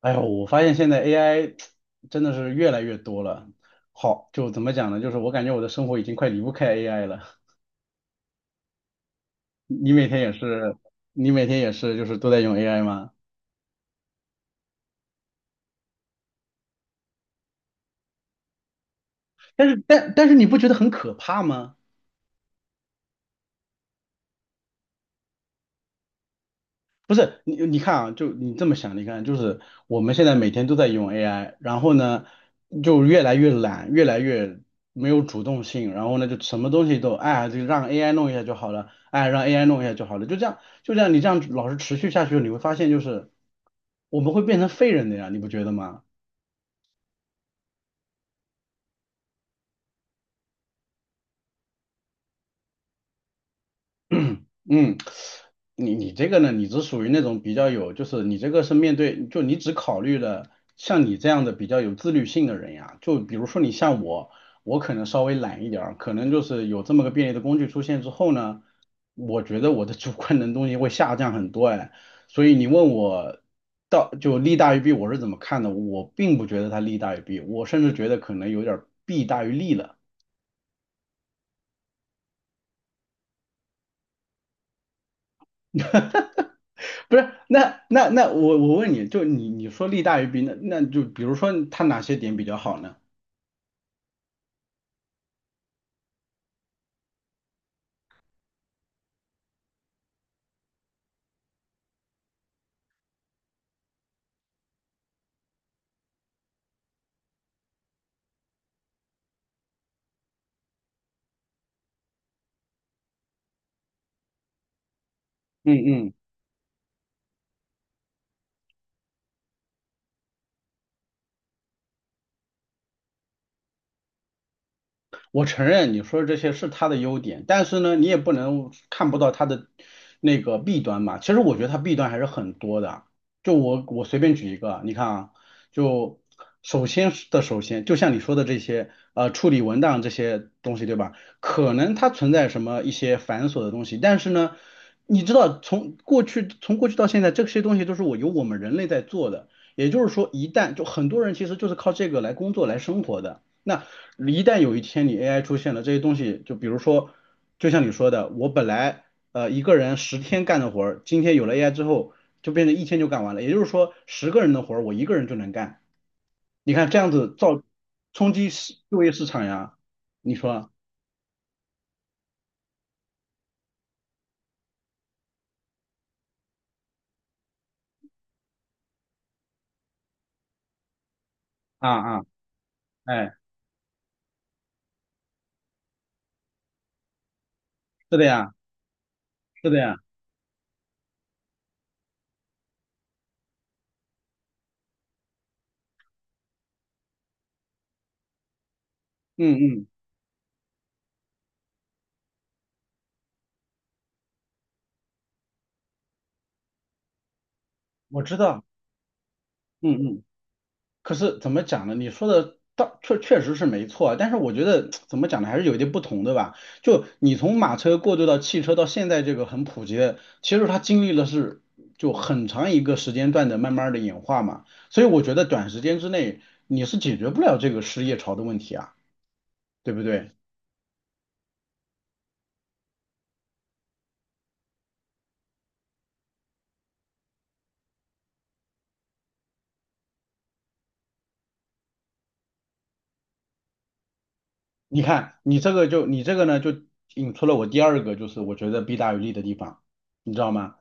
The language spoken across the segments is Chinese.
哎呦，我发现现在 AI 真的是越来越多了。好，就怎么讲呢？就是我感觉我的生活已经快离不开 AI 了。你每天也是，你每天也是，就是都在用 AI 吗？但是你不觉得很可怕吗？不是你，你看啊，就你这么想，你看，就是我们现在每天都在用 AI，然后呢，就越来越懒，越来越没有主动性，然后呢，就什么东西都，哎，就让 AI 弄一下就好了，哎，让 AI 弄一下就好了，就这样，就这样，你这样老是持续下去，你会发现就是我们会变成废人的呀，你不觉得吗？嗯，你这个呢，你只属于那种比较有，就是你这个是面对，就你只考虑了像你这样的比较有自律性的人呀。就比如说你像我，我可能稍微懒一点儿，可能就是有这么个便利的工具出现之后呢，我觉得我的主观能动性会下降很多哎。所以你问我到就利大于弊，我是怎么看的？我并不觉得它利大于弊，我甚至觉得可能有点儿弊大于利了。不是，那我问你，就你说利大于弊，那就比如说它哪些点比较好呢？嗯我承认你说的这些是他的优点，但是呢，你也不能看不到他的那个弊端嘛。其实我觉得他弊端还是很多的。就我随便举一个，你看啊，就首先，就像你说的这些处理文档这些东西，对吧？可能它存在什么一些繁琐的东西，但是呢，你知道从过去到现在，这些东西都是由我们人类在做的。也就是说，一旦就很多人其实就是靠这个来工作来生活的。那一旦有一天你 AI 出现了，这些东西就比如说，就像你说的，我本来一个人10天干的活儿，今天有了 AI 之后，就变成一天就干完了。也就是说，10个人的活儿我一个人就能干。你看这样子冲击就业市场呀，你说啊啊，哎，是的呀，是的呀，嗯嗯，我知道，嗯嗯。可是怎么讲呢？你说的倒确实是没错啊，但是我觉得怎么讲呢，还是有一点不同的吧。就你从马车过渡到汽车，到现在这个很普及的，其实它经历了就很长一个时间段的慢慢的演化嘛。所以我觉得短时间之内你是解决不了这个失业潮的问题啊，对不对？你看你这个呢，就引出了我第二个就是我觉得弊大于利的地方，你知道吗？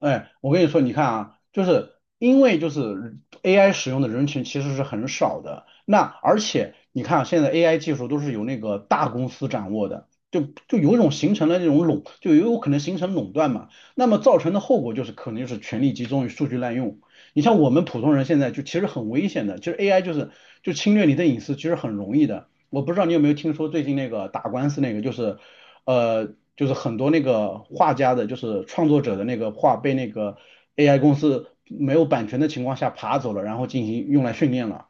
哎，我跟你说，你看啊，就是因为就是 AI 使用的人群其实是很少的，那而且你看啊现在 AI 技术都是由那个大公司掌握的，就有一种形成了那种就有可能形成垄断嘛，那么造成的后果就是可能就是权力集中与数据滥用。你像我们普通人现在就其实很危险的，其实 AI 就侵略你的隐私，其实很容易的。我不知道你有没有听说最近那个打官司那个，就是很多那个画家的，就是创作者的那个画被那个 AI 公司没有版权的情况下爬走了，然后进行用来训练了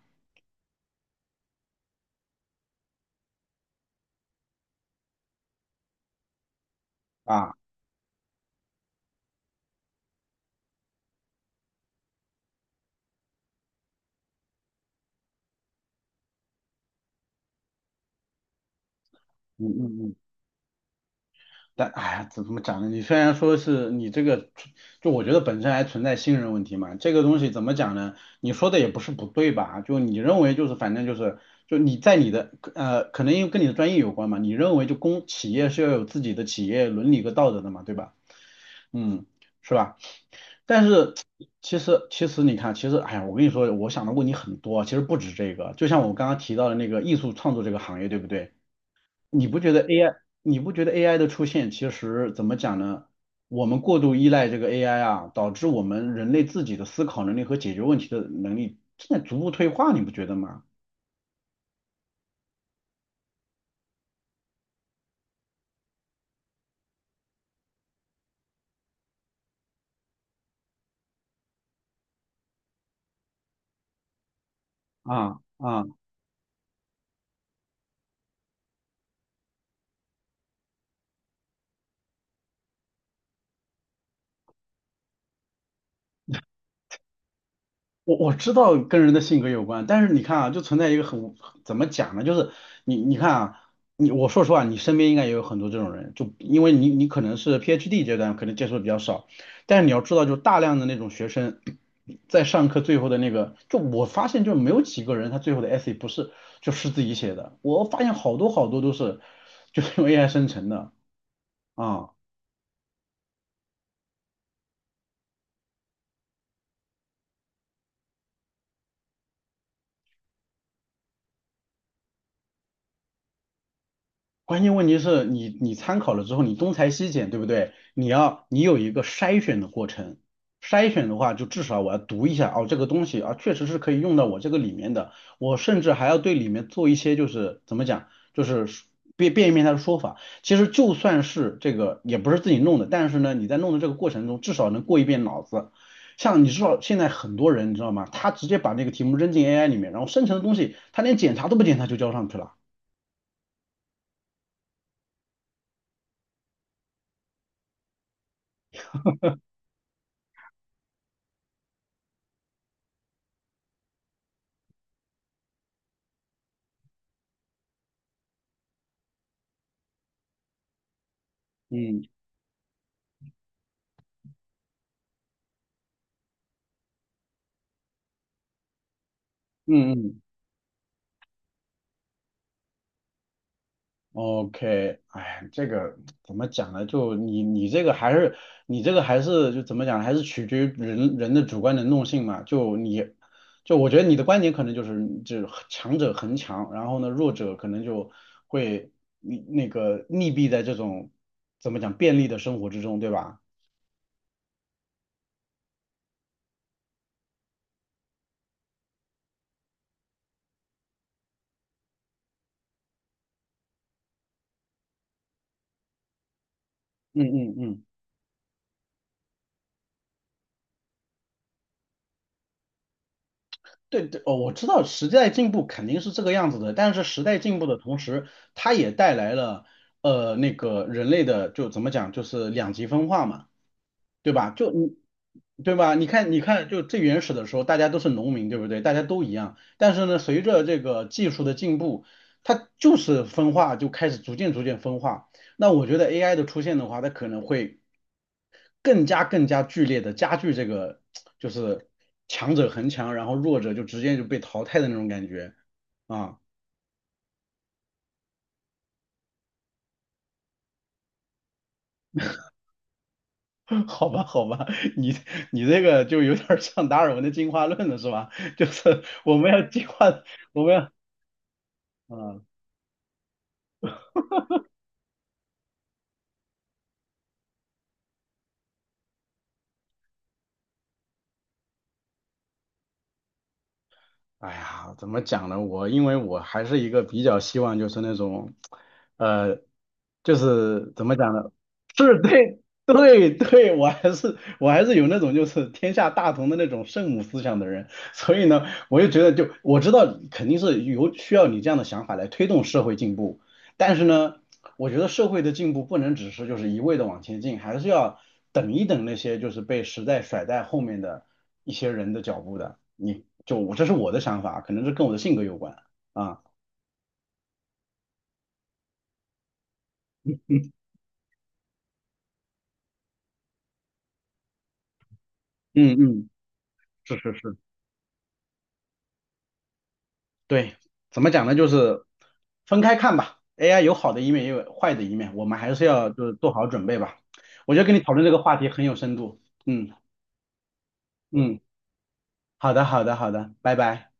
啊，嗯嗯嗯，但哎呀，怎么讲呢？你虽然说是你这个，就我觉得本身还存在信任问题嘛，这个东西怎么讲呢？你说的也不是不对吧？就你认为就是反正就是。就你在你的可能因为跟你的专业有关嘛，你认为就公企业是要有自己的企业伦理和道德的嘛，对吧？嗯，是吧？但是其实你看，其实哎呀，我跟你说，我想的问题很多，其实不止这个。就像我刚刚提到的那个艺术创作这个行业，对不对？你不觉得 AI，你不觉得 AI 的出现，其实怎么讲呢？我们过度依赖这个 AI 啊，导致我们人类自己的思考能力和解决问题的能力正在逐步退化，你不觉得吗？啊啊。我知道跟人的性格有关，但是你看啊，就存在一个很怎么讲呢？就是你看啊，我说实话，你身边应该也有很多这种人，就因为你可能是 PhD 阶段，可能接触的比较少，但是你要知道，就大量的那种学生在上课最后的那个，就我发现就没有几个人他最后的 essay 不是就是自己写的，我发现好多好多都是就是用 AI 生成的啊。关键问题是你参考了之后，你东裁西剪，对不对？你有一个筛选的过程，筛选的话，就至少我要读一下哦，这个东西啊，确实是可以用到我这个里面的，我甚至还要对里面做一些就是怎么讲，就是变一变他的说法。其实就算是这个也不是自己弄的，但是呢，你在弄的这个过程中，至少能过一遍脑子。像你知道现在很多人你知道吗？他直接把那个题目扔进 AI 里面，然后生成的东西他连检查都不检查就交上去了。嗯嗯嗯。OK，哎，这个怎么讲呢？就你这个还是就怎么讲呢，还是取决于人的主观能动性嘛。就我觉得你的观点可能就是强者恒强，然后呢弱者可能就会那个溺毙在这种怎么讲便利的生活之中，对吧？嗯嗯嗯。对对，哦，我知道时代进步肯定是这个样子的，但是时代进步的同时，它也带来了那个人类的就怎么讲，就是两极分化嘛，对吧？对吧？你看你看，就最原始的时候，大家都是农民，对不对？大家都一样，但是呢，随着这个技术的进步，它就是分化，就开始逐渐逐渐分化。那我觉得 AI 的出现的话，它可能会。更加更加剧烈的加剧这个就是强者恒强，然后弱者就直接就被淘汰的那种感觉啊 好吧，好吧，你你这个就有点像达尔文的进化论了，是吧？就是我们要进化，我们要，嗯。哎呀，怎么讲呢？我因为我还是一个比较希望就是那种，呃，就是怎么讲呢？是对对对，我还是有那种就是天下大同的那种圣母思想的人，所以呢，我就觉得就我知道肯定是有需要你这样的想法来推动社会进步，但是呢。我觉得社会的进步不能只是就是一味的往前进，还是要等一等那些就是被时代甩在后面的一些人的脚步的。我这是我的想法，可能是跟我的性格有关啊。嗯嗯，是是是，对，怎么讲呢？就是分开看吧。AI 有好的一面，也有坏的一面，我们还是要就是做好准备吧。我觉得跟你讨论这个话题很有深度。嗯嗯，好的好的好的，拜拜。